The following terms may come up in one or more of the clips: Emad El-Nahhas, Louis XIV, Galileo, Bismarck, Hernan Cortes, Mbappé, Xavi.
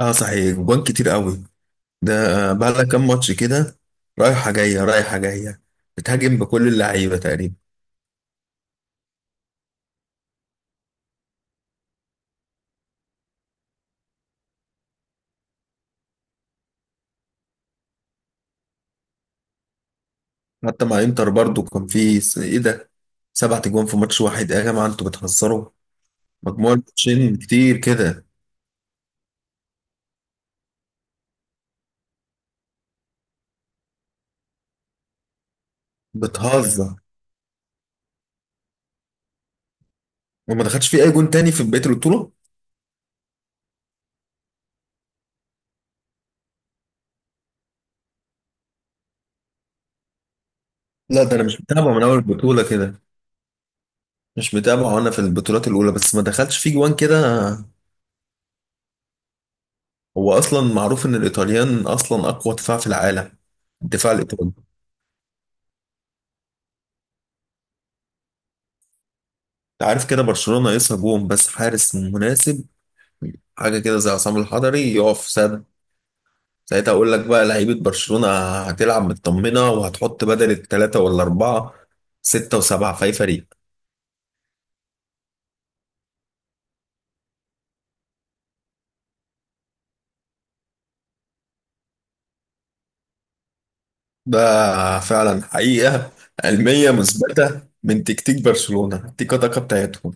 اه، صحيح، جوان كتير قوي. ده بقى لها كام ماتش كده. رايحه جايه رايحه جايه، بتهاجم بكل اللعيبه تقريبا. حتى مع انتر برضو كان في ايه ده، 7 جوان في ماتش واحد. ايه يا جماعه، انتوا بتهزروا؟ مجموع الماتشين كتير كده. بتهزر. وما دخلش في اي جون تاني في بقيه البطوله. لا، ده انا مش متابع من اول البطوله كده. مش متابع، وانا في البطولات الاولى بس ما دخلش في جوان كده. هو اصلا معروف ان الايطاليان اصلا اقوى دفاع في العالم، الدفاع الايطالي. عارف كده، برشلونة ناقصها جون بس حارس مناسب. حاجة كده زي عصام الحضري يقف سد. ساعتها أقول لك بقى لعيبة برشلونة هتلعب مطمنة، وهتحط بدل التلاتة ولا أربعة، ستة وسبعة في أي فريق. ده فعلا حقيقة علمية مثبتة من تكتيك برشلونة تيكا تاكا بتاعتهم.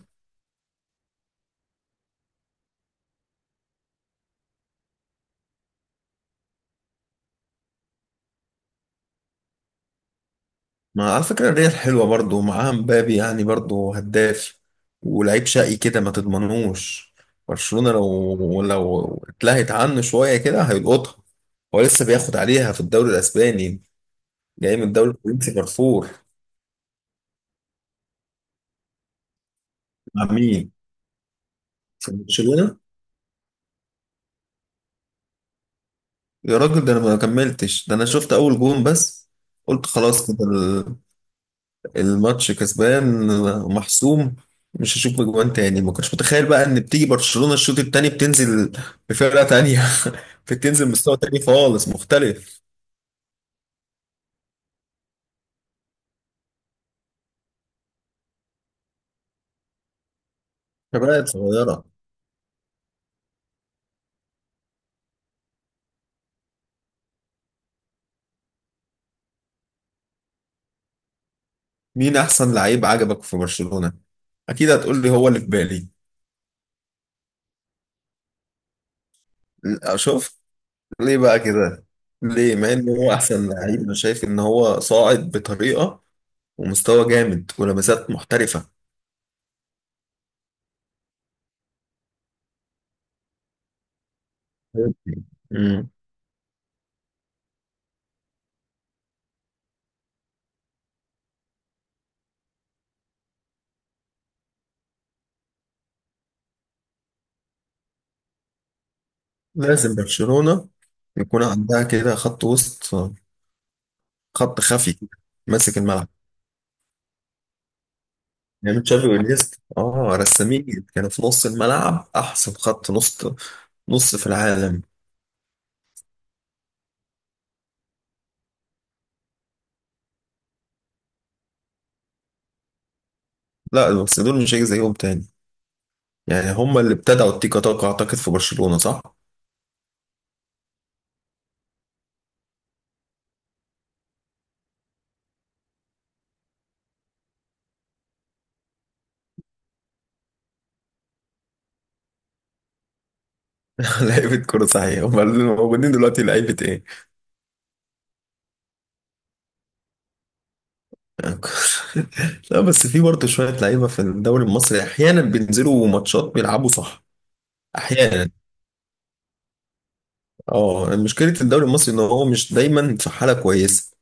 ما على فكرة الريال حلوة برضو، معاها مبابي يعني برضو هداف ولعيب شقي كده ما تضمنوش. برشلونة لو اتلهت عنه شوية كده هيلقطها. هو لسه بياخد عليها في الدوري الأسباني، جاي من الدوري الفرنسي فرفور. مع مين؟ في برشلونة؟ يا راجل، ده أنا ما كملتش، ده أنا شفت أول جون بس. قلت خلاص كده، الماتش كسبان محسوم، مش هشوف اجوان تاني. ما كنتش متخيل بقى ان بتيجي برشلونة الشوط التاني بتنزل بفرقة تانية. فيك تنزل من مستوى تاني خالص مختلف. شباب صغيرة. مين أحسن لعيب عجبك في برشلونة؟ أكيد هتقول لي هو اللي في بالي. لا، شوف. ليه بقى كده؟ ليه؟ مع إن هو أحسن لعيب، أنا شايف إن هو صاعد بطريقة ومستوى جامد ولمسات محترفة. مم. لازم برشلونة يكون عندها كده خط وسط، خط خفي كده، ماسك الملعب. يعني تشافي وإنيستا، اه، رسامين كانوا في نص الملعب، أحسن خط نص في العالم. لا، بس دول مش هيجي زيهم تاني. يعني هم اللي ابتدعوا التيكا تاكا، اعتقد، في برشلونة، صح؟ لعيبة كورة صحيح، هم اللي موجودين دلوقتي لعيبة ايه؟ لا، بس في برضه شوية لعيبة في الدوري المصري احيانا بينزلوا ماتشات بيلعبوا صح. احيانا. اه، مشكلة الدوري المصري ان هو مش دايما في حالة كويسة.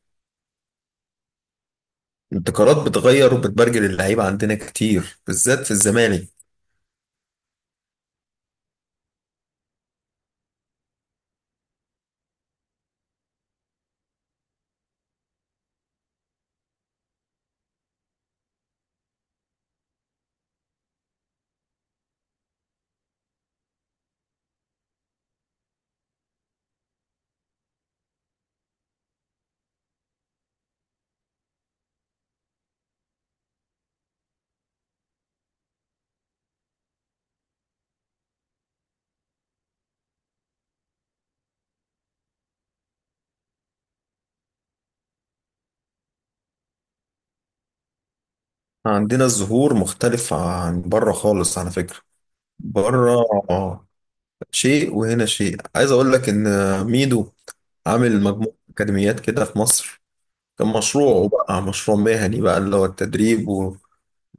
الابتكارات بتغير، وبتبرجل اللعيبة عندنا كتير بالذات في الزمالك. عندنا الظهور مختلف عن بره خالص على فكرة. بره آه. شيء وهنا شيء. عايز اقول لك ان ميدو عامل مجموعة اكاديميات كده في مصر. كان مشروعه بقى مشروع مهني بقى اللي هو التدريب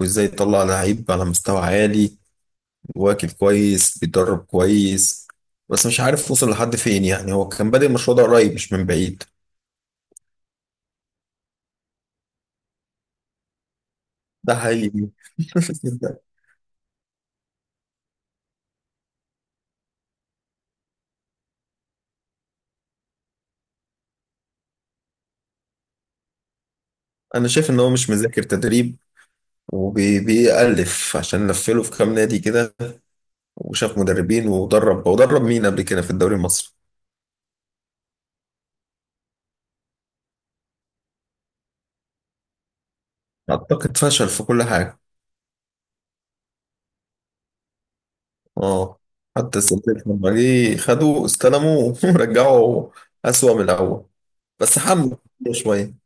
وازاي يطلع لعيب على مستوى عالي، واكل كويس بيتدرب كويس. بس مش عارف وصل لحد فين، يعني هو كان بادئ المشروع ده قريب مش من بعيد. ده حقيقي. انا شايف ان هو مش مذاكر تدريب، وبيألف عشان لفله في كام نادي كده، وشاف مدربين، ودرب مين قبل كده في الدوري المصري. اعتقد فشل في كل حاجه. اه، حتى السلتيك لما جه خدوه استلموه ورجعوا اسوأ من الاول. بس حمس شويه،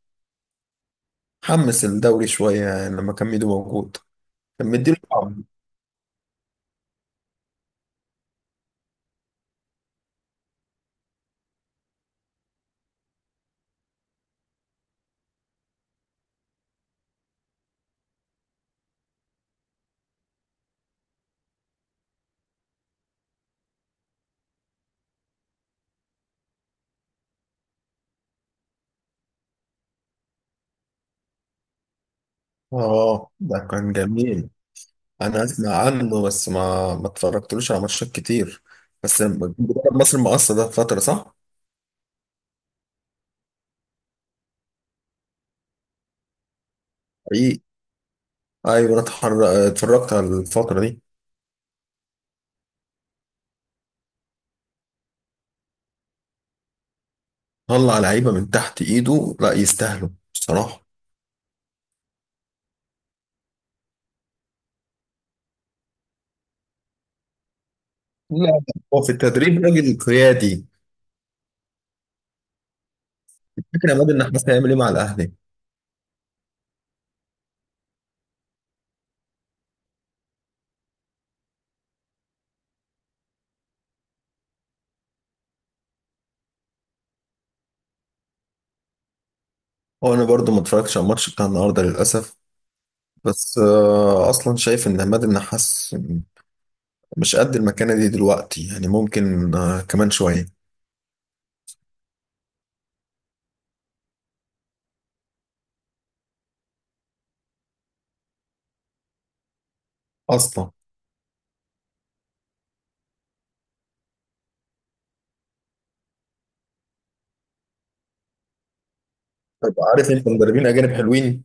حمس الدوري شويه، يعني لما كان ميدو موجود كان مديله طعم. اه، ده كان جميل. انا اسمع عنه، بس ما اتفرجتلوش على ماتشات كتير. بس منتخب مصر مقصر ده فتره، صح؟ حقيقي. ايوه، انا اتفرجت على الفتره دي. طلع لعيبه من تحت ايده، لا يستاهلوا بصراحه. لا، هو في التدريب راجل قيادي. فكرة يا عماد، ان احنا هيعمل ايه مع الاهلي. هو انا برضو ما اتفرجتش على الماتش بتاع النهارده للاسف. بس اصلا شايف ان عماد النحاس مش قد المكانه دي دلوقتي، يعني ممكن كمان شويه. اصلا. طب عارف انت مدربين اجانب حلوين.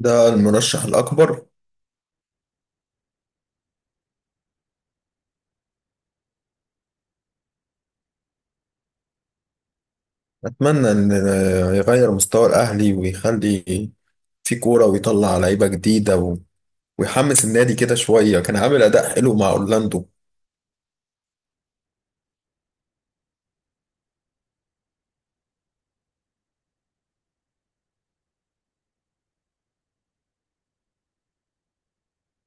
ده المرشح الاكبر. اتمنى ان يغير مستوى الاهلي ويخلي في كوره ويطلع لعيبه جديده ويحمس النادي كده شويه، كان عامل اداء حلو مع اورلاندو.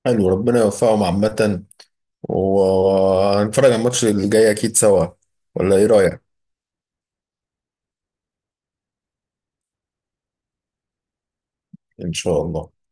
حلو، ربنا يوفقهم عامه. وهنتفرج على الماتش اللي جاي اكيد سوا، ولا ايه رأيك؟ ان شاء الله.